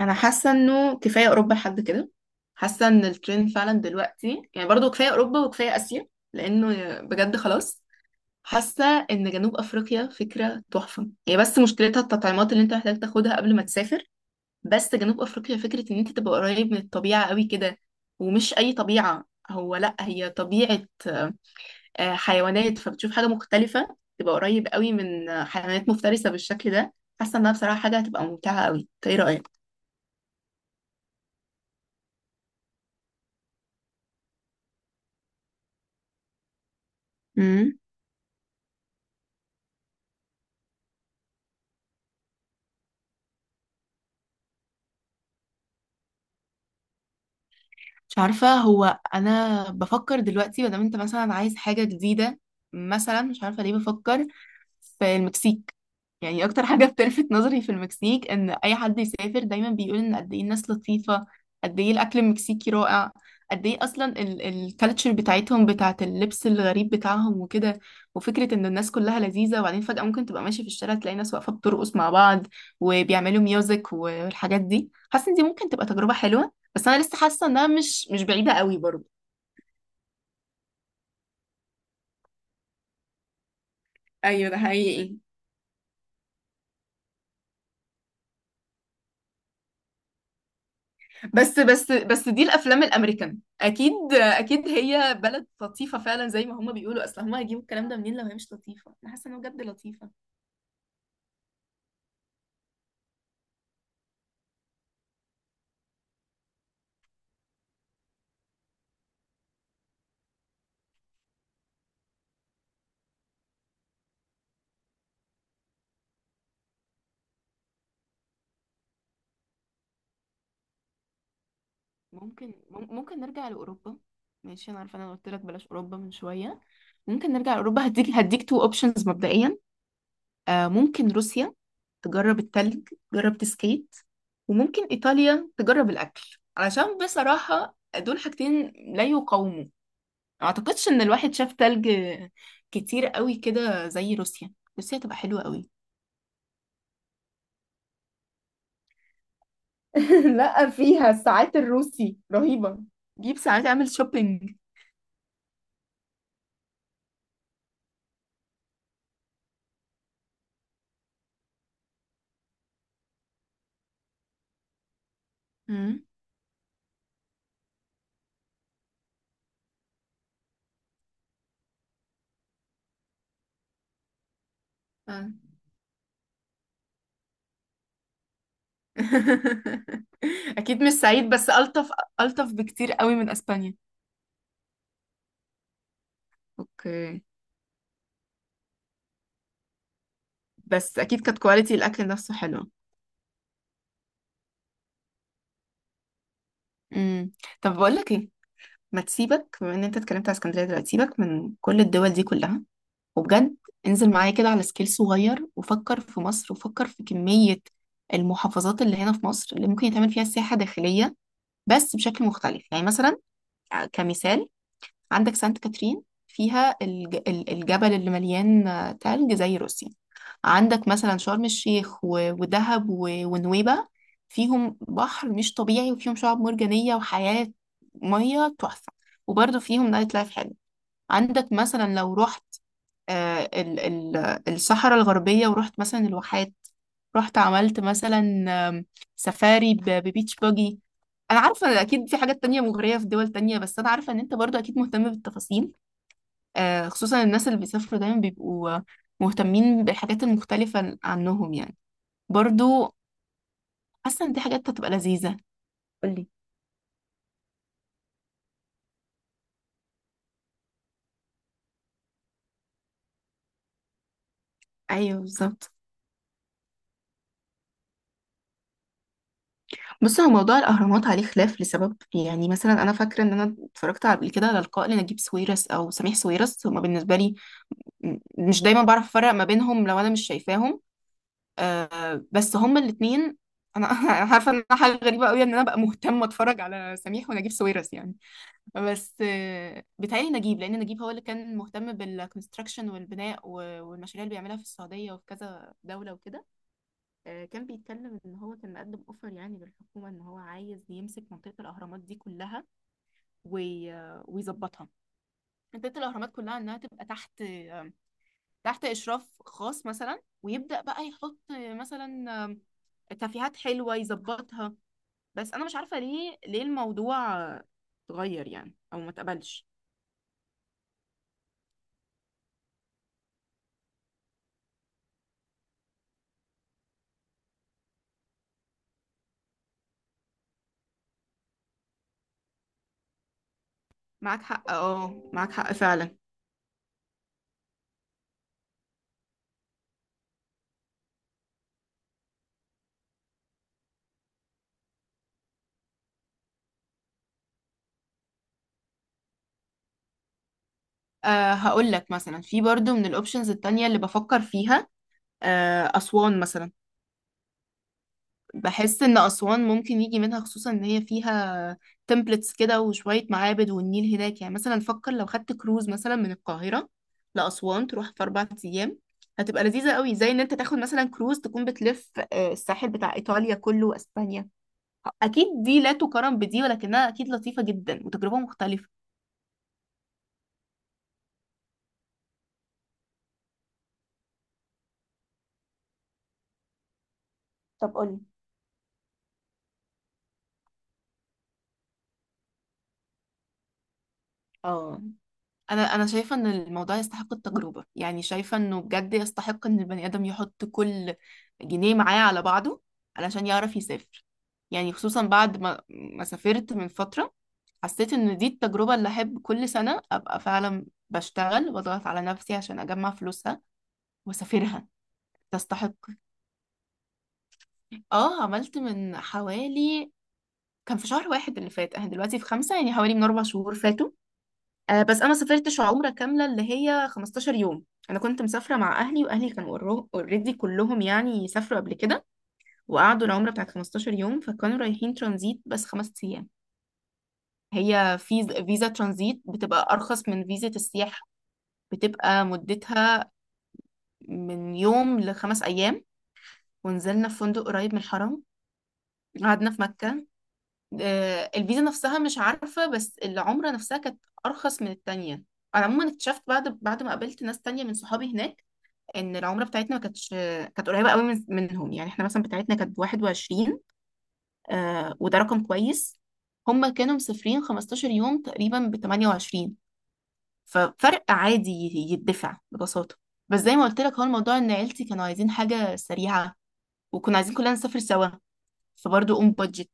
انا حاسه انه كفايه اوروبا لحد كده. حاسه ان الترند فعلا دلوقتي، يعني برضو كفايه اوروبا وكفايه اسيا، لانه بجد خلاص. حاسه ان جنوب افريقيا فكره تحفه، هي بس مشكلتها التطعيمات اللي انت محتاج تاخدها قبل ما تسافر. بس جنوب افريقيا فكره ان انت تبقى قريب من الطبيعه قوي كده، ومش اي طبيعه، هو لا هي طبيعه حيوانات، فبتشوف حاجه مختلفه، تبقى قريب قوي من حيوانات مفترسه بالشكل ده. حاسه انها بصراحه حاجه هتبقى ممتعه قوي. إنت ايه رايك؟ مش عارفة، هو أنا بفكر دلوقتي، مادام أنت مثلا عايز حاجة جديدة، مثلا مش عارفة ليه بفكر في المكسيك. يعني اكتر حاجه بتلفت نظري في المكسيك ان اي حد يسافر دايما بيقول ان قد ايه الناس لطيفه، قد ايه الاكل المكسيكي رائع، قد ايه اصلا الكالتشر بتاعتهم، بتاعت اللبس الغريب بتاعهم وكده، وفكره ان الناس كلها لذيذه. وبعدين فجاه ممكن تبقى ماشي في الشارع تلاقي ناس واقفه بترقص مع بعض وبيعملوا ميوزك والحاجات دي. حاسه ان دي ممكن تبقى تجربه حلوه، بس انا لسه حاسه انها مش بعيده قوي برضه. ايوه ده حقيقي. بس بس بس، دي الافلام الامريكان. اكيد اكيد هي بلد لطيفه فعلا زي ما هما بيقولوا، اصل هما هيجيبوا الكلام ده منين لو هي مش لطيفه؟ انا حاسه انها بجد لطيفه. ممكن ممكن نرجع لاوروبا. ماشي، انا عارفه انا قلت لك بلاش اوروبا من شويه، ممكن نرجع لاوروبا. هديك تو اوبشنز مبدئيا. آه ممكن روسيا، تجرب التلج، تجرب تسكيت. وممكن ايطاليا، تجرب الاكل، علشان بصراحه دول حاجتين لا يقاوموا. اعتقدش ان الواحد شاف تلج كتير قوي كده زي روسيا، روسيا تبقى حلوة قوي. لا، فيها الساعات الروسي رهيبة، جيب ساعات اعمل شوبينج. أمم. آه. اكيد مش سعيد، بس الطف، الطف بكتير قوي من اسبانيا. اوكي. بس اكيد كانت كواليتي الاكل نفسه حلو. امم. طب بقول لك ايه، ما تسيبك، بما ان انت اتكلمت على اسكندريه دلوقتي، سيبك من كل الدول دي كلها. وبجد، انزل معايا كده على سكيل صغير وفكر في مصر، وفكر في كمية المحافظات اللي هنا في مصر اللي ممكن يتعمل فيها سياحة داخلية، بس بشكل مختلف. يعني مثلا، كمثال، عندك سانت كاترين، فيها الجبل اللي مليان تلج زي روسيا. عندك مثلا شرم الشيخ ودهب ونويبة، فيهم بحر مش طبيعي وفيهم شعاب مرجانية وحياة مية تحفة، وبرضه فيهم نايت لايف حلو. عندك مثلا لو رحت الصحراء الغربية ورحت مثلا الواحات، رحت عملت مثلا آم، سفاري ببيتش باجي. انا عارفة إن اكيد في حاجات تانية مغرية في دول تانية، بس انا عارفة ان انت برضو اكيد مهتم بالتفاصيل. خصوصا الناس اللي بيسافروا دايما بيبقوا مهتمين بالحاجات المختلفة عنهم يعني. برضو حاسة ان دي حاجات هتبقى لذيذة. قولي. ايوه بالظبط. بص، هو موضوع الاهرامات عليه خلاف لسبب. يعني مثلا انا فاكره ان انا اتفرجت قبل كده على لقاء لنجيب ساويرس او سميح ساويرس. هما بالنسبه لي مش دايما بعرف افرق ما بينهم لو انا مش شايفاهم، آه بس هما الاتنين. انا انا عارفه ان أنا حاجه غريبه قوي ان انا ابقى مهتمه اتفرج على سميح ونجيب ساويرس يعني. بس آه بيتهيألي نجيب، لان نجيب هو اللي كان مهتم بالكونستراكشن والبناء والمشاريع اللي بيعملها في السعوديه وفي كذا دوله وكده. آه كان بيتكلم ان هو كان مقدم اوفر يعني للحكومه ان هو عايز يمسك منطقه الاهرامات دي كلها ويظبطها، منطقه الاهرامات كلها، انها تبقى تحت إشراف خاص مثلا، ويبدأ بقى يحط مثلا آم، تفيهات حلوة يظبطها. بس أنا مش عارفة، ليه الموضوع اتغير يعني أو ما اتقبلش. معاك حق، اه، معاك حق فعلا. أه، هقول لك مثلا في برضو من الأوبشنز التانية اللي بفكر فيها، أه، أسوان مثلا. بحس ان اسوان ممكن يجي منها، خصوصا ان هي فيها تمبلتس كده وشويه معابد، والنيل هناك. يعني مثلا فكر لو خدت كروز مثلا من القاهره لاسوان، تروح في 4 ايام، هتبقى لذيذه قوي، زي ان انت تاخد مثلا كروز تكون بتلف الساحل بتاع ايطاليا كله واسبانيا. اكيد دي لا تقارن بدي، ولكنها اكيد لطيفه جدا وتجربه مختلفه. طب قولي. اه، انا شايفه ان الموضوع يستحق التجربه. يعني شايفه انه بجد يستحق ان البني ادم يحط كل جنيه معاه على بعضه علشان يعرف يسافر. يعني خصوصا بعد ما سافرت من فتره، حسيت ان دي التجربه اللي احب كل سنه ابقى فعلا بشتغل واضغط على نفسي عشان اجمع فلوسها واسافرها. تستحق. اه عملت من حوالي، كان في شهر واحد اللي فات، احنا دلوقتي في خمسة، يعني حوالي من 4 شهور فاتوا. آه، بس انا سافرتش عمره كامله اللي هي 15 يوم. انا كنت مسافره مع اهلي، واهلي كانوا اوريدي كلهم يعني سافروا قبل كده وقعدوا العمره بتاعت 15 يوم، فكانوا رايحين ترانزيت بس 5 ايام. هي فيزا، فيزا ترانزيت بتبقى ارخص من فيزا السياحه، بتبقى مدتها من يوم لخمس ايام. ونزلنا في فندق قريب من الحرم، قعدنا في مكه. آه، الفيزا نفسها مش عارفه، بس العمره نفسها كانت ارخص من التانية. انا عموما اكتشفت بعد ما قابلت ناس تانية من صحابي هناك ان العمره بتاعتنا ما كانتش كانت قريبه قوي منهم. يعني احنا مثلا بتاعتنا كانت 21، آه وده رقم كويس. هم كانوا مسافرين 15 يوم تقريبا ب 28، ففرق عادي يتدفع ببساطه. بس زي ما قلت لك، هو الموضوع ان عيلتي كانوا عايزين حاجه سريعه، وكنا عايزين كلنا نسافر سوا، فبرضه اون بادجت،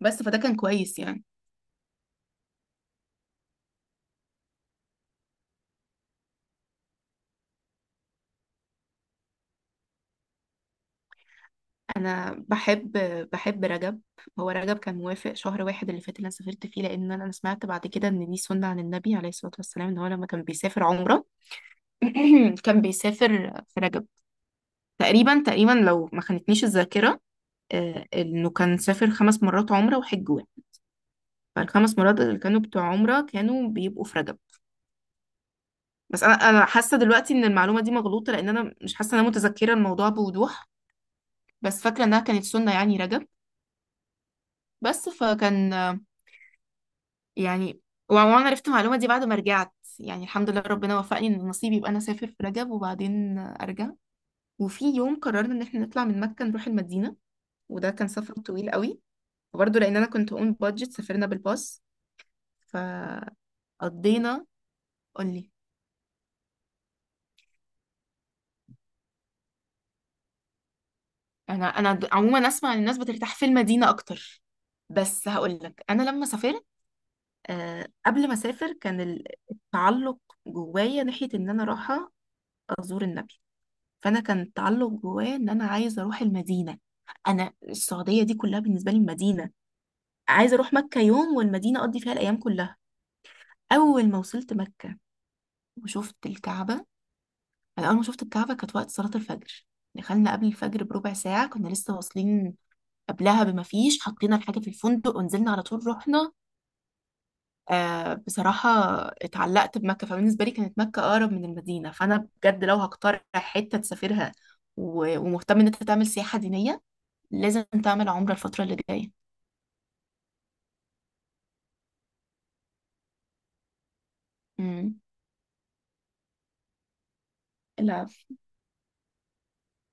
بس فده كان كويس يعني. انا بحب، رجب. هو رجب كان موافق شهر واحد اللي فات اللي انا سافرت فيه. لان انا سمعت بعد كده ان دي سنه عن النبي عليه الصلاه والسلام، ان هو لما كان بيسافر عمره كان بيسافر في رجب، تقريبا تقريبا لو ما خانتنيش الذاكرة. آه، انه كان سافر 5 مرات عمرة وحج واحد، فالخمس مرات اللي كانوا بتوع عمرة كانوا بيبقوا في رجب. بس انا حاسة دلوقتي ان المعلومة دي مغلوطة، لان انا مش حاسة ان انا متذكرة الموضوع بوضوح، بس فاكرة انها كانت سنة يعني رجب. بس فكان يعني وعموما عرفت المعلومة دي بعد ما رجعت. يعني الحمد لله، ربنا وفقني ان نصيبي يبقى انا اسافر في رجب وبعدين ارجع. وفي يوم قررنا ان احنا نطلع من مكة نروح المدينة، وده كان سفر طويل قوي، وبرضه لان انا كنت اون بادجت سافرنا بالباص، فقضينا. قولي. انا عموما اسمع ان الناس بترتاح في المدينه اكتر. بس هقول لك، انا لما سافرت، آه، قبل ما اسافر كان التعلق جوايا ناحيه ان انا رايحه ازور النبي، فانا كان التعلق جوايا ان انا عايزه اروح المدينه. انا السعوديه دي كلها بالنسبه لي مدينه، عايزه اروح مكه يوم والمدينه اقضي فيها الايام كلها. اول ما وصلت مكه وشفت الكعبه، انا اول ما شفت الكعبه كانت وقت صلاه الفجر، دخلنا قبل الفجر بربع ساعه، كنا لسه واصلين، قبلها بما فيش حطينا الحاجه في الفندق ونزلنا على طول رحنا. آه، بصراحه اتعلقت بمكه. فبالنسبه لي كانت مكه اقرب من المدينه. فانا بجد لو هقترح حته تسافرها ومهتم ان انت تعمل سياحه دينيه، لازم تعمل عمره الفتره اللي جايه. امم.